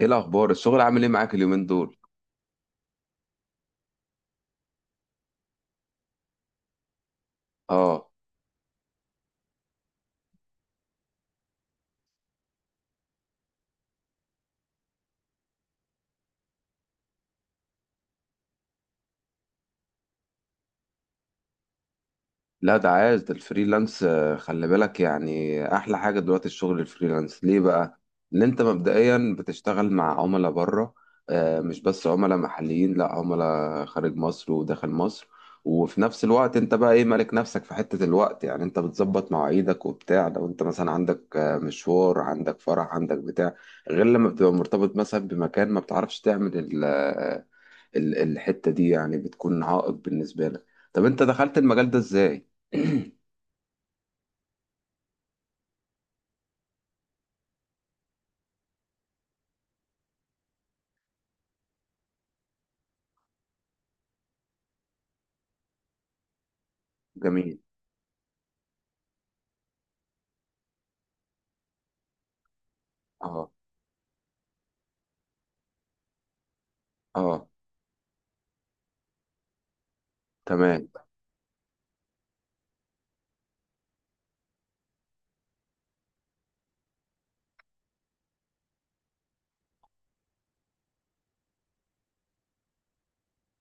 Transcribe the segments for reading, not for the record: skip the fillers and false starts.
ايه الاخبار، الشغل عامل ايه معاك اليومين دول؟ اه. لا، ده عايز ده الفريلانس. خلي بالك، يعني احلى حاجه دلوقتي الشغل الفريلانس ليه بقى؟ ان انت مبدئيا بتشتغل مع عملاء بره. مش بس عملاء محليين، لا، عملاء خارج مصر وداخل مصر. وفي نفس الوقت انت بقى ايه مالك نفسك في حته الوقت، يعني انت بتظبط مواعيدك وبتاع، لو انت مثلا عندك مشوار، عندك فرح، عندك بتاع، غير لما بتبقى مرتبط مثلا بمكان ما بتعرفش تعمل الحتة دي، يعني بتكون عائق بالنسبة لك. طب انت دخلت المجال ده ازاي؟ جميل. اه. اه. تمام.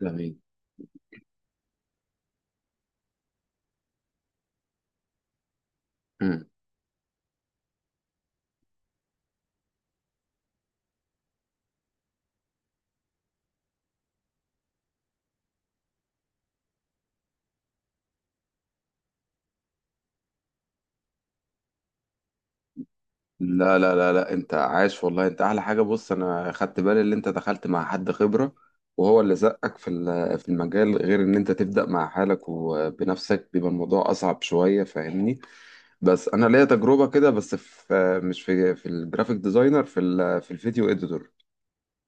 جميل. مم. لا لا لا لا، انت عاش والله، انت احلى حاجة. بص، انا خدت بالي ان انت دخلت مع حد خبرة، وهو اللي زقك في في المجال، غير ان انت تبدأ مع حالك وبنفسك بيبقى الموضوع اصعب شوية، فاهمني؟ بس انا ليا تجربة كده، بس في، مش في، في الجرافيك ديزاينر، في في الفيديو اديتور.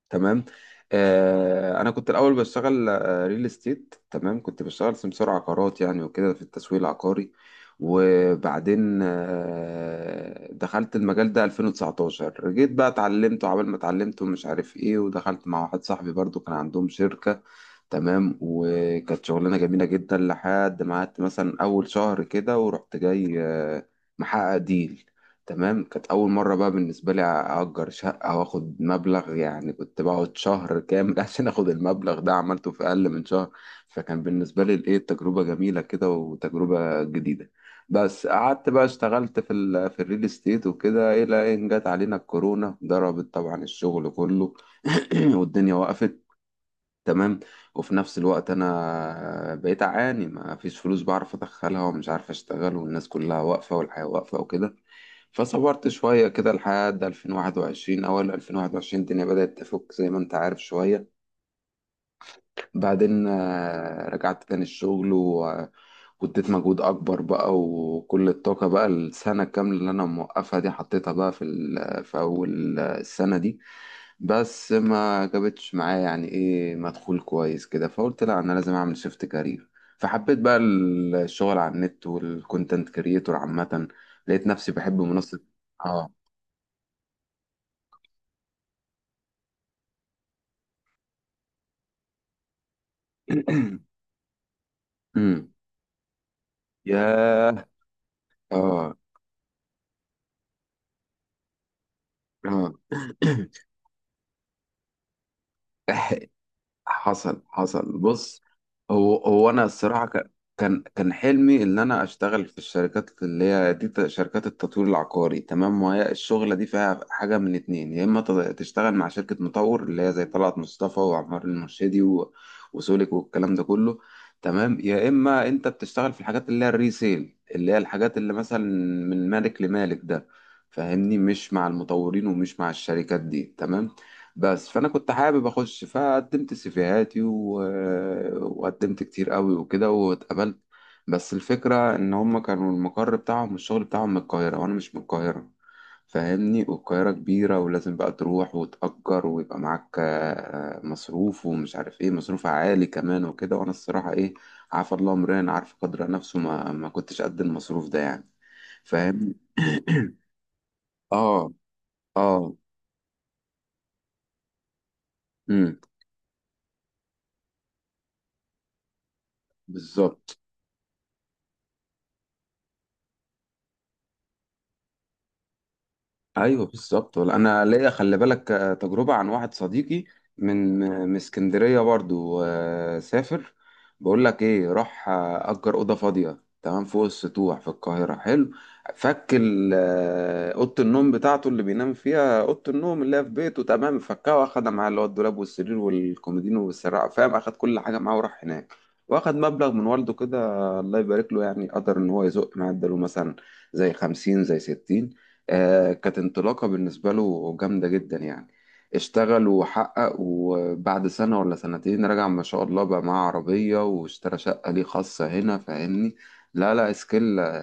تمام. آه انا كنت الاول بشتغل ريل استيت. تمام، كنت بشتغل سمسار عقارات يعني، وكده في التسويق العقاري. وبعدين آه دخلت المجال ده 2019، جيت بقى اتعلمته، عبال ما اتعلمته مش عارف ايه، ودخلت مع واحد صاحبي برضو كان عندهم شركة. تمام، وكانت شغلانة جميلة جدا لحد ما قعدت مثلا أول شهر كده، ورحت جاي محقق ديل. تمام، كانت أول مرة بقى بالنسبة لي أأجر شقة وآخد مبلغ، يعني كنت بقعد شهر كامل عشان آخد المبلغ ده، عملته في أقل من شهر. فكان بالنسبة لي الإيه، تجربة جميلة كده وتجربة جديدة. بس قعدت بقى اشتغلت في ال في الريل استيت وكده، إلى إن جت علينا الكورونا، ضربت طبعا الشغل كله. والدنيا وقفت. تمام. وفي نفس الوقت انا بقيت اعاني، ما فيش فلوس بعرف ادخلها، ومش عارف اشتغل، والناس كلها واقفه، والحياه واقفه وكده. فصبرت شويه كده لحد 2021، اول 2021 الدنيا بدات تفك زي ما انت عارف شويه. بعدين رجعت تاني الشغل واديت مجهود اكبر بقى، وكل الطاقه بقى، السنه الكامله اللي انا موقفها دي حطيتها بقى في في اول السنه دي. بس ما جابتش معايا يعني ايه مدخول كويس كده، فقلت لا، انا لازم اعمل شيفت كارير. فحبيت بقى الشغل على النت والكونتنت كريتور عامة. لقيت نفسي بحب منصة. اه. أمم. ياه. اه. اه. حصل حصل. بص، هو انا الصراحه كان حلمي ان انا اشتغل في الشركات اللي هي دي، شركات التطوير العقاري. تمام، وهي الشغله دي فيها حاجه من اتنين، يا اما تشتغل مع شركه مطور، اللي هي زي طلعت مصطفى وعمار المرشدي وسولك والكلام ده كله. تمام. يا اما انت بتشتغل في الحاجات اللي هي الريسيل، اللي هي الحاجات اللي مثلا من مالك لمالك ده، فاهمني؟ مش مع المطورين ومش مع الشركات دي. تمام. بس فانا كنت حابب اخش، فقدمت سيفيهاتي، و... وقدمت كتير قوي وكده واتقبلت. بس الفكره ان هم كانوا المقر بتاعهم والشغل بتاعهم من القاهره، وانا مش من القاهره، فاهمني؟ والقاهره كبيره، ولازم بقى تروح وتأجر، ويبقى معاك مصروف، ومش عارف ايه، مصروف عالي كمان وكده. وانا الصراحه ايه، عارف الله امرين، عارف قدر نفسه، ما كنتش قد المصروف ده يعني. فاهم. اه. اه. امم بالظبط. ايوه بالظبط. ولا انا ليا، خلي بالك، تجربه عن واحد صديقي من اسكندريه برضو. سافر. بقول لك ايه، راح اجر اوضه فاضيه، تمام، فوق السطوح في القاهره. حلو. فك اوضه النوم بتاعته اللي بينام فيها، اوضه النوم اللي هي في بيته. تمام، فكها واخدها معاه، اللي هو الدولاب والسرير والكومودينو والسراعه، فاهم؟ اخد كل حاجه معاه وراح هناك. واخد مبلغ من والده كده، الله يبارك له، يعني قدر ان هو يزق معاه، اداله مثلا زي خمسين زي ستين. كانت انطلاقة بالنسبة له جامدة جدا يعني. اشتغل وحقق، وبعد سنة ولا سنتين رجع ما شاء الله، بقى معاه عربية، واشترى شقة ليه خاصة هنا، فاهمني؟ لا لا، سكيل،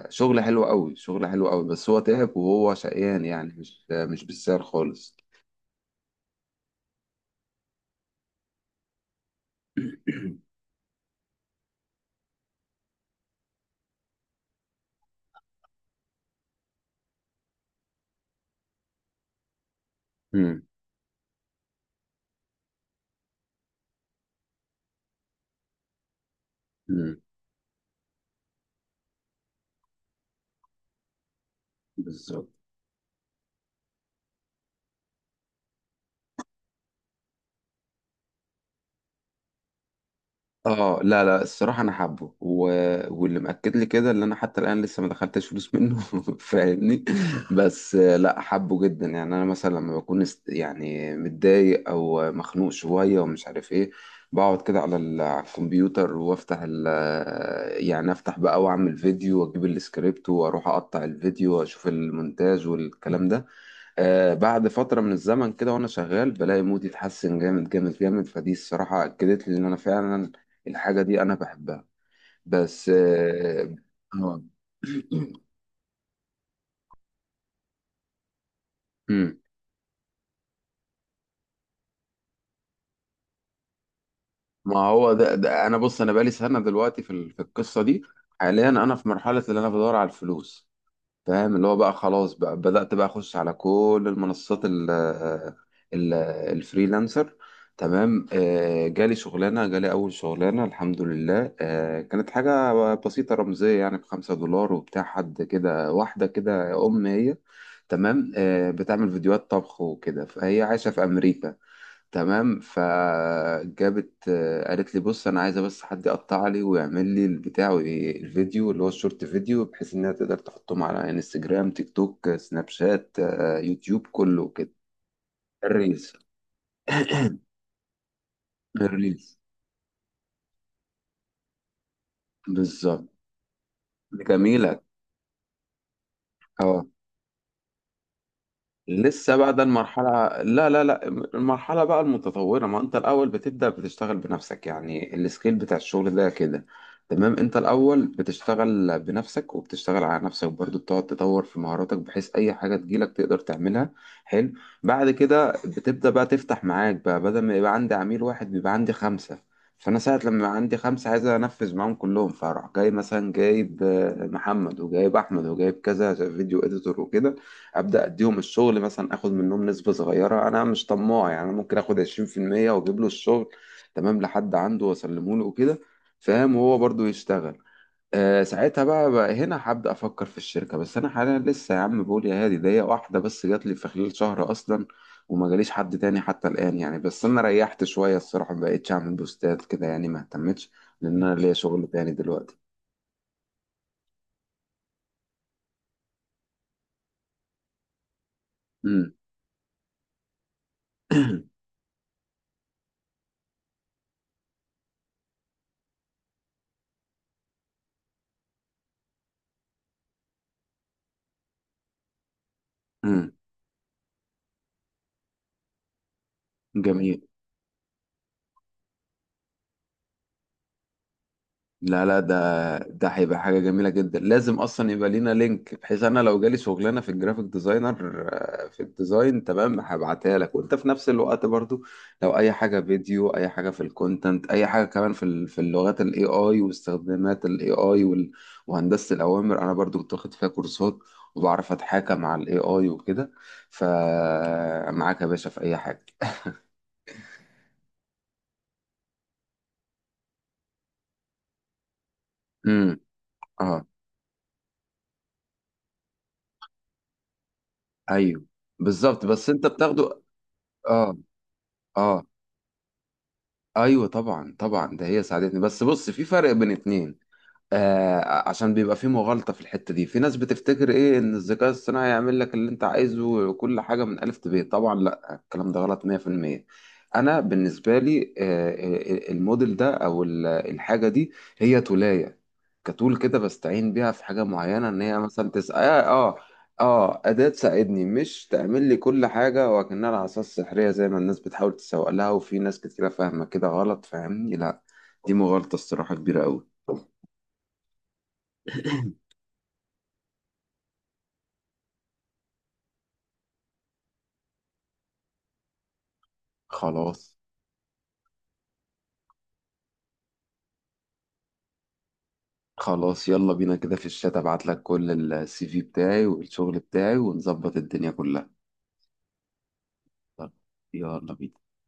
شغل حلو قوي، شغل حلو قوي. بس هو تعب وهو شقيان يعني، مش مش بالسعر خالص. مم. مم. بالظبط. اه، لا لا، الصراحة أنا حابه، و... واللي مأكد لي كده اللي أنا حتى الآن لسه ما دخلتش فلوس منه فاهمني؟ بس لا، حابه جدا يعني. أنا مثلا لما بكون است...، يعني متضايق أو مخنوق شوية ومش عارف إيه، بقعد كده على ال...، على الكمبيوتر، وأفتح ال...، يعني أفتح بقى وأعمل فيديو وأجيب السكريبت وأروح أقطع الفيديو وأشوف المونتاج والكلام ده. آه بعد فترة من الزمن كده وأنا شغال بلاقي مودي اتحسن جامد جامد جامد، فدي الصراحة أكدت لي إن أنا فعلا الحاجة دي أنا بحبها. بس آه. آه. مم. ما هو ده, أنا بص، أنا بقالي سنة دلوقتي في القصة دي. حاليا أنا في مرحلة اللي أنا بدور على الفلوس، فاهم؟ اللي هو بقى خلاص، بقى بدأت بقى أخش على كل المنصات ال الفريلانسر. تمام. جالي شغلانة، جالي أول شغلانة الحمد لله. كانت حاجة بسيطة رمزية يعني، بخمسة دولار وبتاع، حد كده، واحدة كده أم هي. تمام، بتعمل فيديوهات طبخ وكده، فهي عايشة في أمريكا. تمام. فجابت، قالت لي بص، انا عايزه بس حد يقطع لي ويعمل لي البتاع، الفيديو اللي هو الشورت فيديو، بحيث انها تقدر تحطهم على انستجرام، تيك توك، سناب شات، يوتيوب، كله كده. الريلز. الريلز. بالظبط. جميلة. اه. لسه بقى، ده المرحلة. لا لا لا، المرحلة بقى المتطورة. ما انت الأول بتبدأ بتشتغل بنفسك، يعني السكيل بتاع الشغل ده كده. تمام، انت الأول بتشتغل بنفسك وبتشتغل على نفسك برضو، بتقعد تطور في مهاراتك بحيث أي حاجة تجيلك تقدر تعملها. حلو. بعد كده بتبدأ بقى تفتح معاك بقى، بدل ما يبقى عندي عميل واحد بيبقى عندي خمسة. فأنا ساعة لما يبقى عندي خمسة عايز أنفذ معاهم كلهم، فأروح جاي مثلا جايب محمد وجايب أحمد وجايب كذا فيديو إديتور وكده. ابدا اديهم الشغل، مثلا اخد منهم نسبه صغيره، انا مش طماع يعني، انا ممكن اخد 20%، واجيب له الشغل تمام لحد عنده واسلمه له وكده، فاهم؟ وهو برضو يشتغل. آه ساعتها بقى, هنا هبدا افكر في الشركه. بس انا حاليا لسه يا عم بقول يا هادي، ده هي واحده بس جات لي في خلال شهر اصلا، وما جاليش حد تاني حتى الان يعني. بس انا ريحت شويه الصراحه، ما بقتش اعمل بوستات كده يعني، ما اهتمتش، لان انا ليا شغل تاني دلوقتي. امم أمم. جميل. لا لا، ده هيبقى حاجة جميلة جدا، لازم أصلا يبقى لينا لينك، بحيث أنا لو جالي شغلانة في الجرافيك ديزاينر، في الديزاين تمام هبعتها لك. وأنت في نفس الوقت برضو لو أي حاجة فيديو، أي حاجة في الكونتنت، أي حاجة كمان في في اللغات ال AI واستخدامات ال AI وهندسة الأوامر، أنا برضو كنت واخد فيها كورسات، وبعرف أتحاكم مع ال AI وكده، فمعاك يا باشا في أي حاجة امم. اه. ايوه بالظبط. بس انت بتاخده. اه. اه. ايوه طبعا طبعا. ده هي ساعدتني، بس بص في فرق بين اتنين. آه عشان بيبقى فيه مغالطة في الحتة دي، في ناس بتفتكر ايه، ان الذكاء الصناعي هيعمل لك اللي انت عايزه وكل حاجة من ألف ب، طبعا لا، الكلام ده غلط 100%. انا بالنسبة لي آه، الموديل ده، او الحاجة دي، هي تولاية، كتول كده، بستعين بيها في حاجة معينة، ان هي مثلا تسأل. اه. اه. اه، أداة تساعدني، مش تعمل لي كل حاجة وكأنها العصا السحرية زي ما الناس بتحاول تسوق لها، وفي ناس كتيرة فاهمة كده غلط، فاهمني؟ لا، دي مغالطة الصراحة كبيرة أوي. خلاص. خلاص يلا بينا كده، في الشات ابعت لك كل السي في بتاعي والشغل بتاعي ونظبط الدنيا كلها. طب، يلا بينا.